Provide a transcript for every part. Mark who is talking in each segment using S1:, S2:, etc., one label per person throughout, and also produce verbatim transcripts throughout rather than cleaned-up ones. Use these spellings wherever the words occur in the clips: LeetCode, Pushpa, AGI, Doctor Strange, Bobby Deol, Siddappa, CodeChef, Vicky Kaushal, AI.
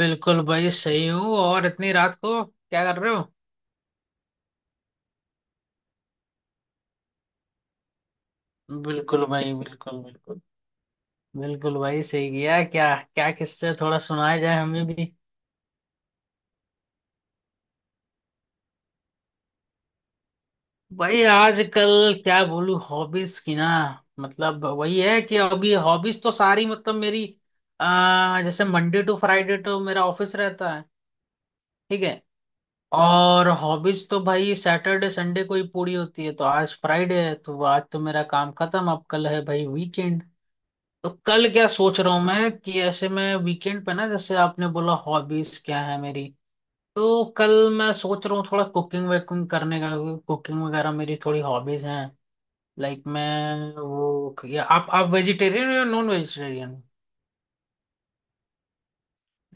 S1: बिल्कुल भाई, सही हूँ। और इतनी रात को क्या कर रहे हो? बिल्कुल भाई, बिल्कुल बिल्कुल। बिल्कुल भाई, सही किया। क्या क्या किससे थोड़ा सुनाया जाए, हमें भी? भाई आजकल क्या बोलूं हॉबीज की ना। मतलब वही है कि अभी हॉबीज तो सारी मतलब मेरी। आ, जैसे मंडे टू फ्राइडे तो मेरा ऑफिस रहता है। ठीक है। और हॉबीज तो भाई सैटरडे संडे को ही पूरी होती है, तो आज फ्राइडे है, तो आज तो मेरा काम खत्म। अब कल है भाई वीकेंड। तो कल क्या सोच रहा हूँ मैं कि ऐसे में वीकेंड पे ना, जैसे आपने बोला हॉबीज क्या है मेरी। तो कल मैं सोच रहा हूँ थोड़ा कुकिंग वुकिंग करने का। कुकिंग वगैरह मेरी थोड़ी हॉबीज हैं। लाइक मैं वो, या आप आप वेजिटेरियन हो या नॉन वेजिटेरियन?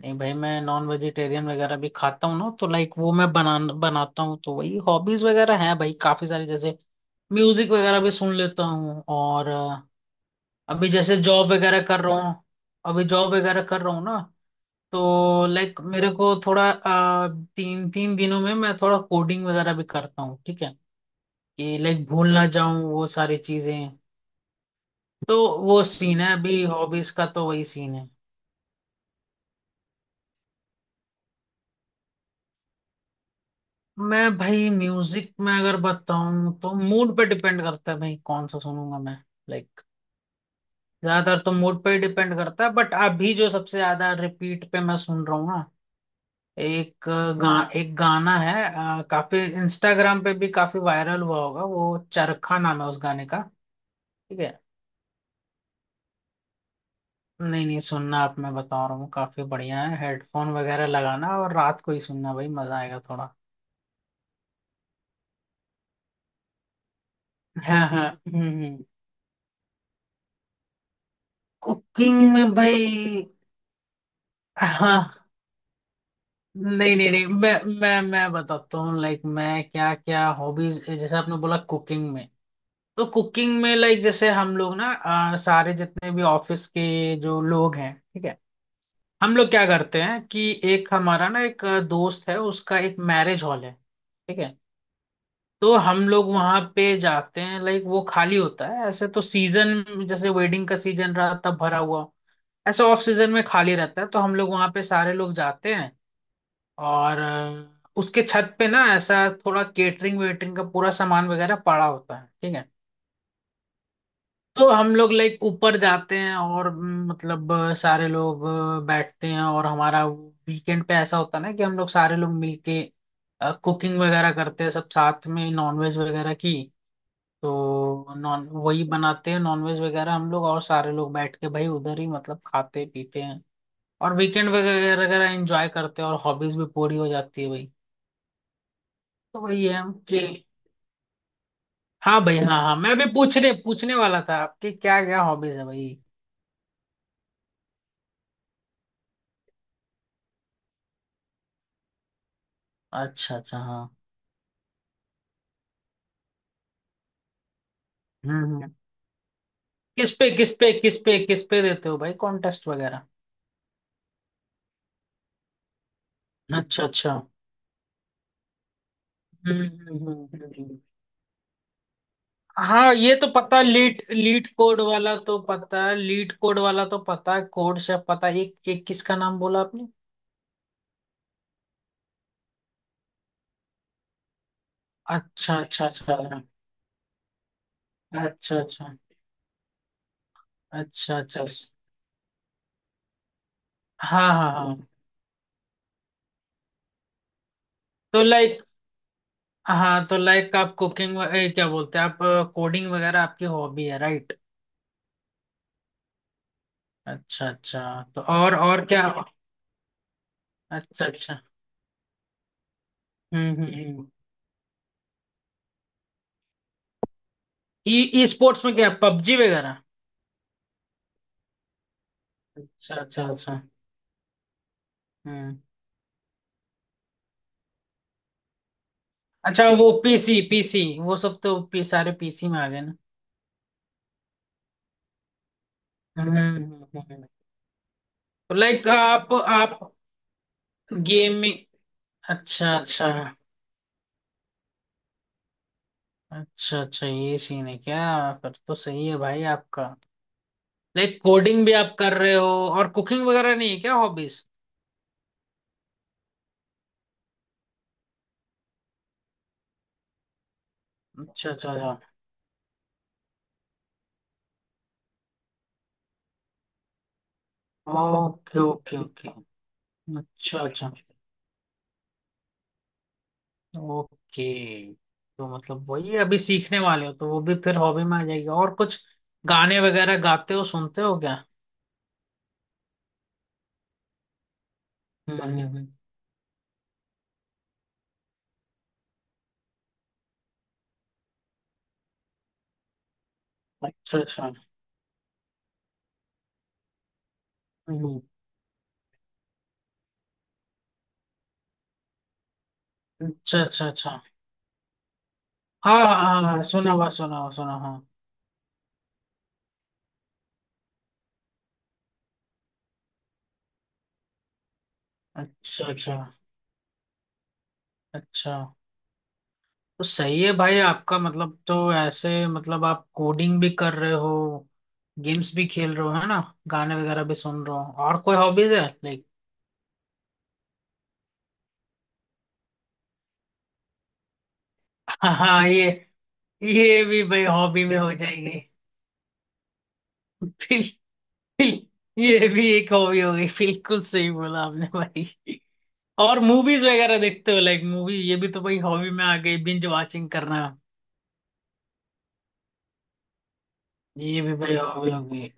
S1: नहीं भाई, मैं नॉन वेजिटेरियन वगैरह भी खाता हूँ ना, तो लाइक वो मैं बना बनाता हूँ, तो वही हॉबीज वगैरह हैं भाई काफी सारी। जैसे म्यूजिक वगैरह भी सुन लेता हूँ। और अ, अभी जैसे जॉब वगैरह कर रहा हूँ। अभी जॉब वगैरह कर रहा हूँ ना, तो लाइक मेरे को थोड़ा आ, तीन तीन दिनों में मैं थोड़ा कोडिंग वगैरह भी करता हूँ, ठीक है, कि लाइक भूल ना जाऊं वो सारी चीजें। तो वो सीन है अभी हॉबीज का, तो वही सीन है। मैं भाई म्यूजिक में अगर बताऊं तो मूड पे डिपेंड करता है भाई कौन सा सुनूंगा मैं। लाइक ज्यादातर तो मूड पे डिपेंड करता है, बट अभी जो सबसे ज्यादा रिपीट पे मैं सुन रहा हूँ ना, एक गा, एक गाना है, आ, काफी इंस्टाग्राम पे भी काफी वायरल हुआ होगा। वो चरखा नाम है उस गाने का। ठीक है। नहीं नहीं, सुनना आप, मैं बता रहा हूँ काफी बढ़िया है। हेडफोन वगैरह लगाना और रात को ही सुनना भाई, मजा आएगा थोड़ा। हाँ हाँ। हम्म। कुकिंग में भाई, हाँ, नहीं नहीं नहीं, मैं मैं मैं बताता हूँ लाइक मैं क्या क्या हॉबीज, जैसे आपने बोला कुकिंग में। तो कुकिंग में, लाइक जैसे हम लोग ना, अ, सारे जितने भी ऑफिस के जो लोग हैं, ठीक है, हम लोग क्या करते हैं कि एक हमारा ना, एक दोस्त है उसका, एक मैरिज हॉल है, ठीक है। तो हम लोग वहां पे जाते हैं। लाइक वो खाली होता है ऐसे, तो सीजन जैसे वेडिंग का सीजन रहा तब भरा हुआ, ऐसे ऑफ सीजन में खाली रहता है, तो हम लोग वहां पे सारे लोग जाते हैं। और अ, उसके छत पे ना, ऐसा थोड़ा केटरिंग वेटरिंग का पूरा सामान वगैरह पड़ा होता है, ठीक है। तो हम लोग लाइक ऊपर जाते हैं, और म, मतलब अ, सारे लोग अ, बैठते हैं, और हमारा वीकेंड पे ऐसा होता है ना कि हम लोग सारे लोग मिलके कुकिंग वगैरह करते हैं सब साथ में, नॉनवेज वगैरह की। तो नॉन वही बनाते हैं नॉनवेज वगैरह हम लोग, और सारे लोग बैठ के भाई उधर ही मतलब खाते पीते हैं, और वीकेंड वगैरह वगैरह एंजॉय करते हैं, और हॉबीज भी पूरी हो जाती है भाई। तो वही है कि हाँ भाई, हाँ हाँ, मैं भी पूछने पूछने वाला था आपके क्या क्या हॉबीज है भाई। अच्छा अच्छा। हाँ, हम्म हम्म। किस पे किस पे किस पे किस पे देते हो भाई कॉन्टेस्ट वगैरह? अच्छा अच्छा। हम्म हम्म हम्म, हम्म, हाँ, ये तो पता, लीट लीट कोड वाला तो पता है, लीट कोड वाला तो पता है, कोड शेफ पता है, एक एक किसका नाम बोला आपने? अच्छा अच्छा अच्छा। अच्छा अच्छा। अच्छा अच्छा। हाँ हाँ हाँ। तो लाइक हाँ, तो लाइक आप कुकिंग, क्या बोलते हैं आप, कोडिंग वगैरह आपकी हॉबी है राइट? अच्छा अच्छा, तो और और क्या? अच्छा अच्छा। हम्म हम्म हम्म, ई स्पोर्ट्स में क्या पबजी वगैरह? अच्छा अच्छा अच्छा। हम्म। अच्छा, वो पी सी, पी सी वो सब तो पी, सारे पी सी में आ गए ना। हम्म हम्म, हम्म। तो लाइक आप आप गेम में। अच्छा अच्छा अच्छा। अच्छा ये सीन है क्या? फिर तो सही है भाई आपका, लाइक कोडिंग भी आप कर रहे हो, और कुकिंग वगैरह नहीं है क्या हॉबीज? अच्छा अच्छा अच्छा। Okay okay okay. अच्छा अच्छा। ओके। तो मतलब वही, अभी सीखने वाले हो, तो वो भी फिर हॉबी में आ जाएगी, और कुछ गाने वगैरह गाते हो सुनते हो क्या? हम्म। अच्छा अच्छा। हम्म, अच्छा अच्छा अच्छा। हाँ हाँ हाँ हाँ, सुना हुआ, सुना हुआ, सुना हाँ। अच्छा अच्छा अच्छा। तो सही है भाई आपका, मतलब तो ऐसे मतलब आप कोडिंग भी कर रहे हो, गेम्स भी खेल रहे हो, है ना, गाने वगैरह भी सुन रहे हो, और कोई हॉबीज है लाइक? हाँ हाँ, ये ये भी भाई हॉबी में हो जाएगी। बिल्कुल, ये भी एक हॉबी हो गई, बिल्कुल सही बोला आपने भाई। और मूवीज वगैरह देखते हो लाइक, मूवी ये भी तो भाई हॉबी में आ गई, बिंज वाचिंग करना, ये भी भाई हॉबी हो गई।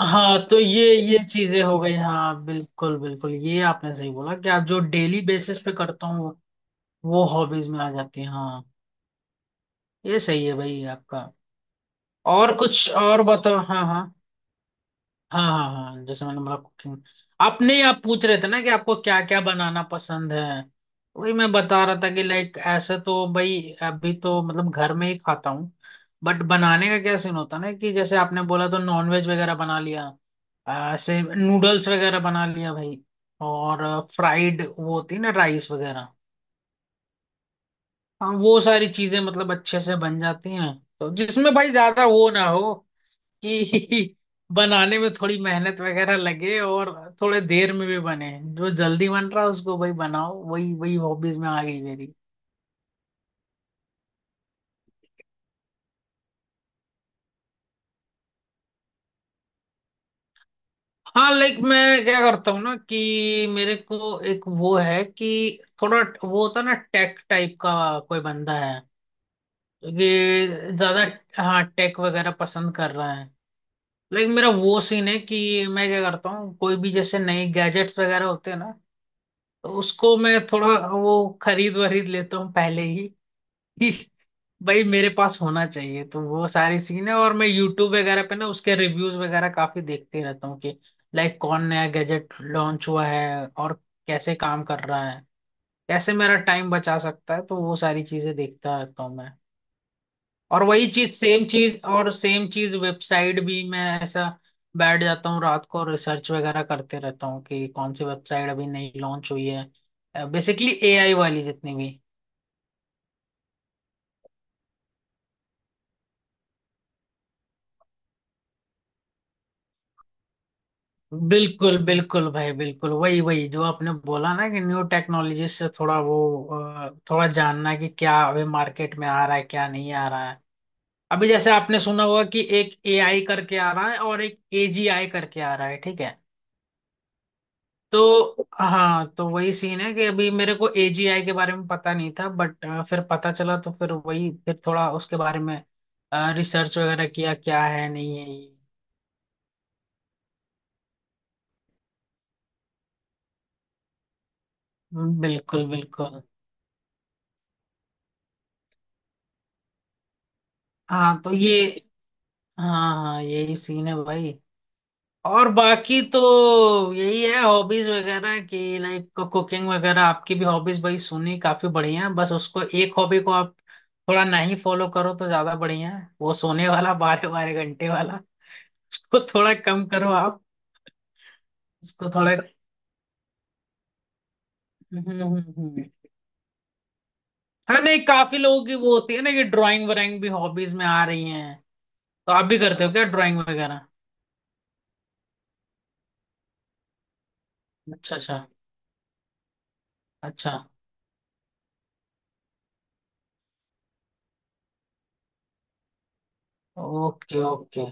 S1: हाँ तो ये ये चीजें हो गई, हाँ बिल्कुल बिल्कुल, ये आपने सही बोला कि आप जो डेली बेसिस पे करता हूँ वो हॉबीज में आ जाती है, हाँ, ये सही है भाई आपका। और कुछ और बताओ? हाँ हाँ, हाँ हाँ हाँ, जैसे मैंने बोला कुकिंग, आपने आप पूछ रहे थे ना कि आपको क्या क्या बनाना पसंद है, वही मैं बता रहा था कि लाइक ऐसे तो भाई, अभी तो मतलब घर में ही खाता हूँ, बट बनाने का क्या सीन होता है ना कि जैसे आपने बोला, तो नॉनवेज वगैरह बना लिया, आ, ऐसे नूडल्स वगैरह बना लिया भाई, और फ्राइड, वो होती है ना, राइस वगैरह, हाँ वो सारी चीजें मतलब अच्छे से बन जाती हैं। तो जिसमें भाई ज्यादा वो ना हो कि बनाने में थोड़ी मेहनत वगैरह लगे, और थोड़े देर में भी बने, जो जल्दी बन रहा है उसको वही बनाओ, वही वही हॉबीज में आ गई मेरी। हाँ, लाइक मैं क्या करता हूँ ना कि मेरे को एक वो है कि थोड़ा वो होता है ना टेक टाइप का कोई बंदा है, क्योंकि ज्यादा, हाँ टेक वगैरह पसंद कर रहा है, लेकिन मेरा वो सीन है कि मैं क्या करता हूँ कोई भी, जैसे नए गैजेट्स वगैरह होते हैं ना, तो उसको मैं थोड़ा वो खरीद वरीद लेता हूँ पहले ही, भाई मेरे पास होना चाहिए तो वो सारी सीन है, और मैं यूट्यूब वगैरह पे ना उसके रिव्यूज वगैरह काफी देखते रहता हूँ कि लाइक कौन नया गैजेट लॉन्च हुआ है, और कैसे काम कर रहा है, कैसे मेरा टाइम बचा सकता है, तो वो सारी चीजें देखता रहता हूँ मैं। और वही चीज, सेम चीज, और सेम चीज, वेबसाइट भी मैं ऐसा बैठ जाता हूँ रात को, रिसर्च वगैरह करते रहता हूँ कि कौन सी वेबसाइट अभी नई लॉन्च हुई है, बेसिकली ए आई वाली जितनी भी। बिल्कुल बिल्कुल भाई, बिल्कुल वही वही जो आपने बोला ना कि न्यू टेक्नोलॉजी से थोड़ा वो, अ, थोड़ा जानना कि क्या अभी मार्केट में आ रहा है, क्या नहीं आ रहा है। अभी जैसे आपने सुना होगा कि एक ए आई करके आ रहा है, और एक ए जी आई करके आ रहा है, ठीक है, तो हाँ, तो वही सीन है कि अभी मेरे को ए जी आई के बारे में पता नहीं था, बट फिर पता चला, तो फिर वही, फिर थोड़ा उसके बारे में रिसर्च वगैरह किया क्या है, नहीं है ये। बिल्कुल बिल्कुल। हाँ तो ये हाँ हाँ, यही सीन है भाई, और बाकी तो यही है हॉबीज वगैरह की। लाइक कुकिंग वगैरह आपकी भी हॉबीज भाई सुनी, काफी बढ़िया है। बस उसको एक हॉबी को आप थोड़ा नहीं फॉलो करो तो ज्यादा बढ़िया है, वो सोने वाला बारह बारह घंटे वाला, उसको थोड़ा कम करो आप, उसको थोड़ा। हम्म, हम्म, हम्म। हम्म। हाँ नहीं, काफी लोगों की वो होती है ना कि ड्राइंग वराइंग भी हॉबीज में आ रही हैं, तो आप भी करते हो क्या ड्राइंग वगैरह? अच्छा अच्छा अच्छा। Okay okay.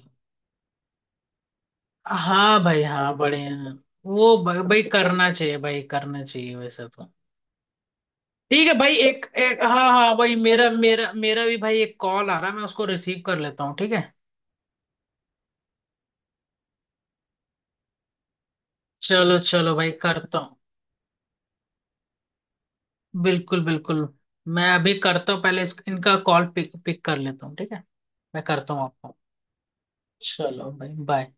S1: हाँ भाई, हाँ, बड़े हैं। वो ब- भाई करना चाहिए, भाई करना चाहिए वैसे तो। ठीक है भाई, एक एक हाँ हाँ भाई, मेरा मेरा मेरा भी भाई एक कॉल आ रहा है, मैं उसको रिसीव कर लेता हूँ, ठीक है। चलो चलो भाई, करता हूँ, बिल्कुल बिल्कुल। मैं अभी करता हूँ, पहले इस- इनका कॉल पिक पिक कर लेता हूँ ठीक है। मैं करता हूँ आपको। चलो भाई, बाय।